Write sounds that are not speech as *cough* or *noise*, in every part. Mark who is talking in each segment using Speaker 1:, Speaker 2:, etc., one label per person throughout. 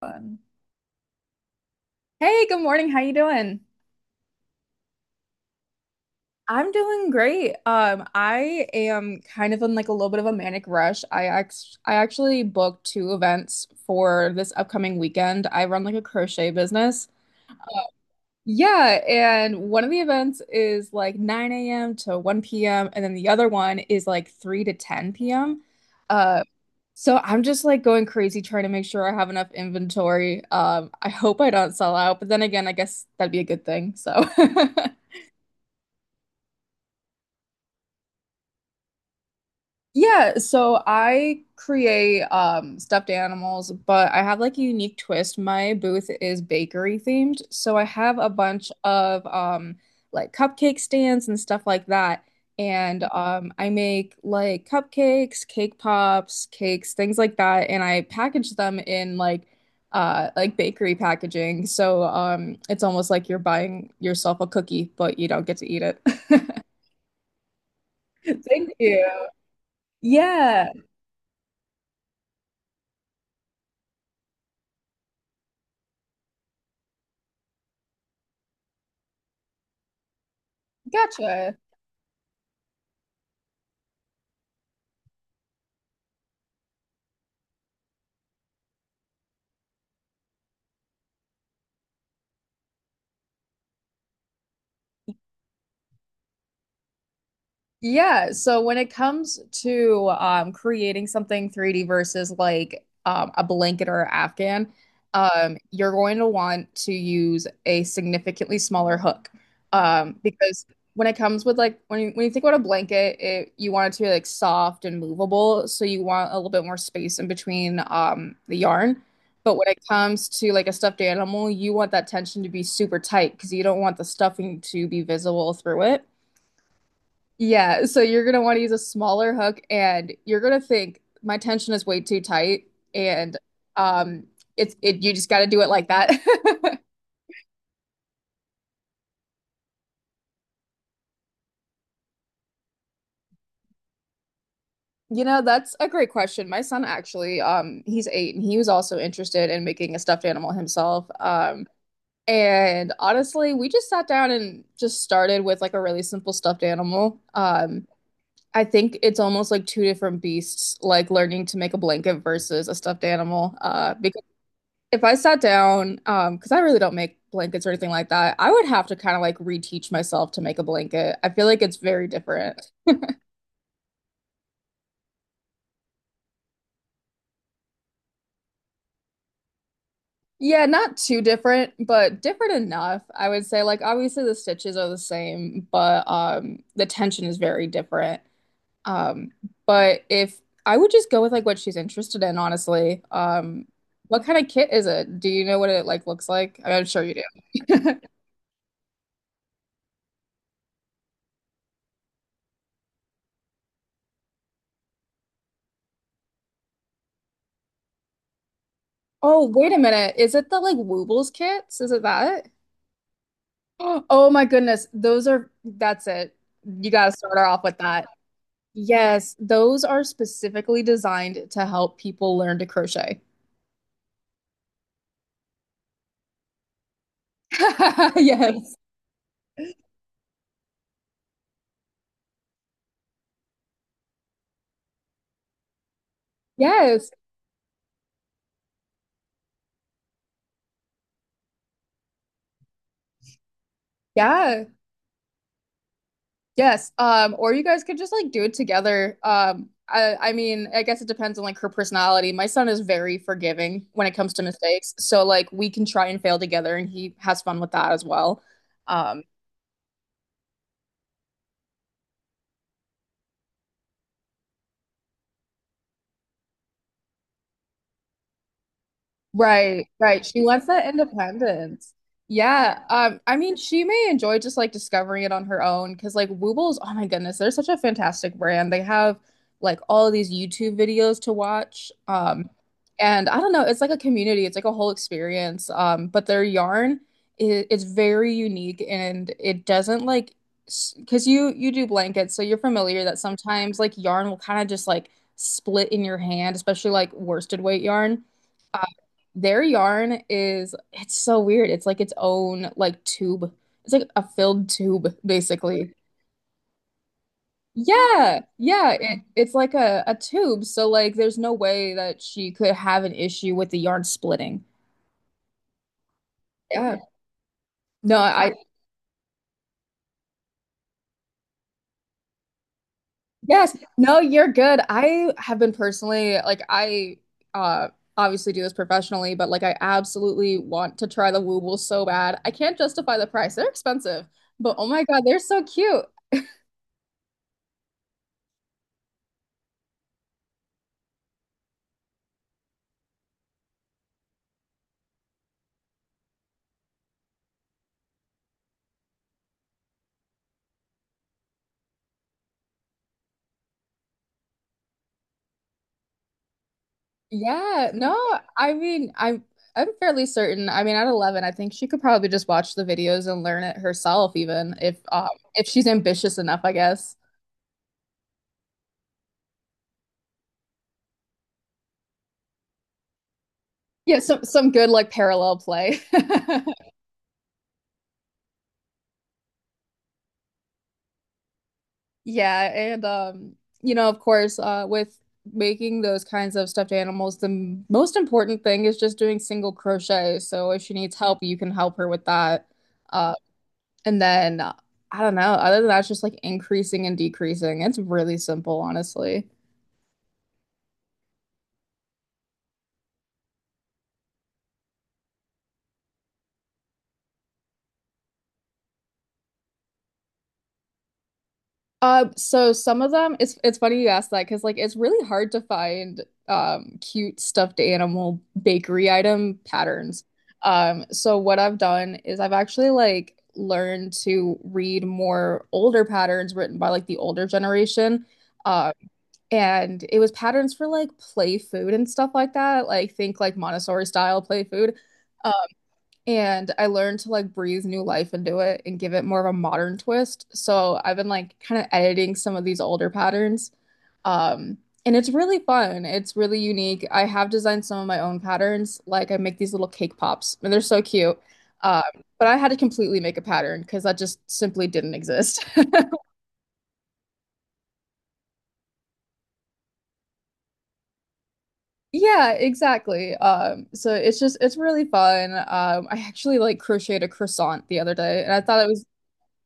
Speaker 1: Fun. Hey, good morning. How you doing? I'm doing great. I am kind of in like a little bit of a manic rush. I actually booked two events for this upcoming weekend. I run like a crochet business. Yeah, and one of the events is like 9 a.m. to 1 p.m. and then the other one is like 3 to 10 p.m. Uh, so I'm just like going crazy trying to make sure I have enough inventory. I hope I don't sell out, but then again, I guess that'd be a good thing. So *laughs* Yeah, so I create stuffed animals, but I have like a unique twist. My booth is bakery themed, so I have a bunch of like cupcake stands and stuff like that. And I make like cupcakes, cake pops, cakes, things like that, and I package them in like bakery packaging. So it's almost like you're buying yourself a cookie, but you don't get to eat it. *laughs* Thank you. Yeah, gotcha. Yeah, so when it comes to creating something 3D versus like a blanket or afghan, you're going to want to use a significantly smaller hook because when it comes with like when you think about a blanket, you want it to be like soft and movable, so you want a little bit more space in between the yarn. But when it comes to like a stuffed animal, you want that tension to be super tight because you don't want the stuffing to be visible through it. Yeah, so you're gonna want to use a smaller hook and you're gonna think my tension is way too tight and um it's it you just gotta do it like that. *laughs* You know, that's a great question. My son actually, he's eight and he was also interested in making a stuffed animal himself. And honestly, we just sat down and just started with like a really simple stuffed animal. I think it's almost like two different beasts, like learning to make a blanket versus a stuffed animal. Because if I sat down, because I really don't make blankets or anything like that, I would have to kind of like reteach myself to make a blanket. I feel like it's very different. Yeah, not too different, but different enough. I would say like obviously the stitches are the same, but the tension is very different. Um, but if I would just go with like what she's interested in, honestly. What kind of kit is it? Do you know what it like looks like? I mean, I'm sure you do. *laughs* Oh, wait a minute. Is it the like Woobles kits? Is it that? Oh my goodness. That's it. You got to start her off with that. Yes, those are specifically designed to help people learn to crochet. *laughs* Yes. Yes. Yeah. Yes. Or you guys could just like do it together. I mean, I guess it depends on like her personality. My son is very forgiving when it comes to mistakes. So like we can try and fail together and he has fun with that as well. Um, Right, right. She wants that independence. Yeah. I mean, she may enjoy just like discovering it on her own because like Woobles, oh my goodness, they're such a fantastic brand. They have like all of these YouTube videos to watch. And I don't know, it's like a community, it's like a whole experience. But their yarn is it's very unique and it doesn't like because you do blankets, so you're familiar that sometimes like yarn will kind of just like split in your hand, especially like worsted weight yarn. Their yarn is it's so weird. It's like its own like tube. It's like a filled tube, basically. Yeah, yeah, it's like a tube. So like there's no way that she could have an issue with the yarn splitting. Yeah. No, I yes. No, you're good. I have been personally like I uh obviously do this professionally, but like I absolutely want to try the woobles so bad. I can't justify the price. They're expensive, but oh my God, they're so cute. Yeah, no, I mean, I'm fairly certain. I mean, at 11, I think she could probably just watch the videos and learn it herself, even if she's ambitious enough, I guess. Yeah, some good like parallel play. *laughs* Yeah, and you know, of course, with making those kinds of stuffed animals, most important thing is just doing single crochet. So if she needs help, you can help her with that. Uh, and then I don't know, other than that, it's just like increasing and decreasing. It's really simple, honestly. So some of them, it's funny you asked that because like it's really hard to find cute stuffed animal bakery item patterns. So what I've done is I've actually like learned to read more older patterns written by like the older generation. Uh. And it was patterns for like play food and stuff like that. Like think like Montessori style play food. And I learned to like breathe new life into it and give it more of a modern twist. So I've been like kind of editing some of these older patterns. Um, and it's really fun. It's really unique. I have designed some of my own patterns. Like I make these little cake pops and they're so cute. Um, but I had to completely make a pattern because that just simply didn't exist. *laughs* Yeah, exactly. So it's really fun. I actually like crocheted a croissant the other day and I thought it was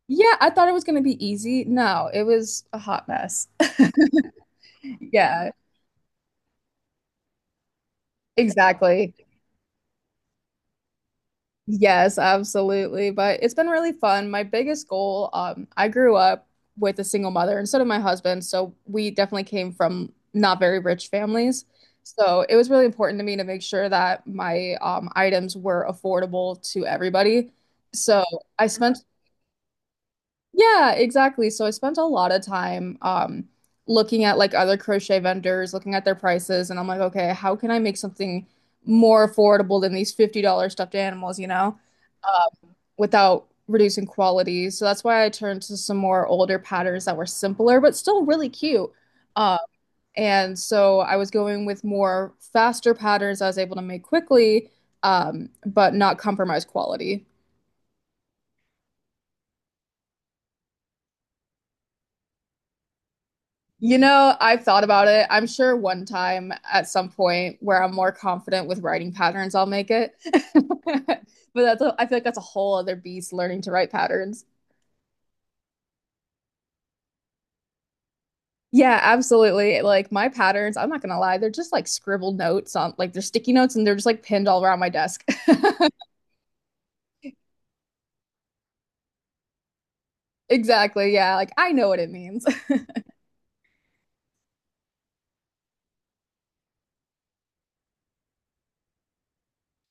Speaker 1: Yeah, I thought it was going to be easy. No, it was a hot mess. *laughs* Yeah, exactly. Yes, absolutely. But it's been really fun. My biggest goal, I grew up with a single mother and so did my husband. So we definitely came from not very rich families. So it was really important to me to make sure that my items were affordable to everybody. So I spent Yeah, exactly. So I spent a lot of time looking at like other crochet vendors, looking at their prices, and I'm like, okay, how can I make something more affordable than these $50 stuffed animals, you know, without reducing quality? So that's why I turned to some more older patterns that were simpler, but still really cute. Um, and so I was going with more faster patterns I was able to make quickly, but not compromise quality. You know, I've thought about it. I'm sure one time at some point where I'm more confident with writing patterns, I'll make it. *laughs* But I feel like that's a whole other beast learning to write patterns. Yeah, absolutely. Like my patterns, I'm not gonna lie, they're just like scribbled notes on like they're sticky notes and they're just like pinned all around my desk. *laughs* Exactly. Yeah, like I know what it means. *laughs*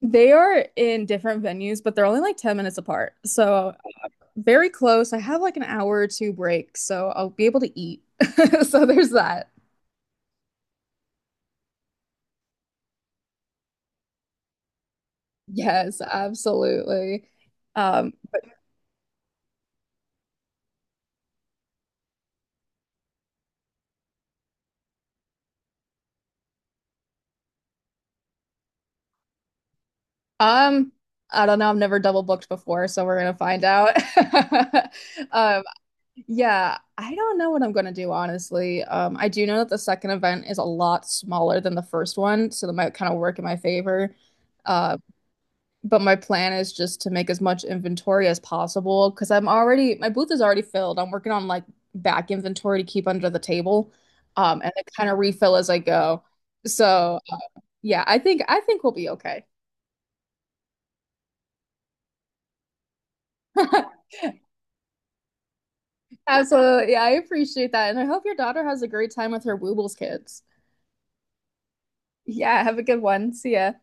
Speaker 1: They are in different venues, but they're only like 10 minutes apart. So very close. I have like an hour or two break, so I'll be able to eat. *laughs* So there's that. Yes, absolutely. But um, I don't know. I've never double booked before, so we're gonna find out. *laughs* Um, yeah, I don't know what I'm gonna do, honestly. I do know that the second event is a lot smaller than the first one, so that might kind of work in my favor. Uh, but my plan is just to make as much inventory as possible because I'm already my booth is already filled. I'm working on like back inventory to keep under the table, and then kind of refill as I go. So. Yeah, I think we'll be okay. *laughs* Absolutely. Yeah, I appreciate that. And I hope your daughter has a great time with her Woobles kids. Yeah, have a good one. See ya.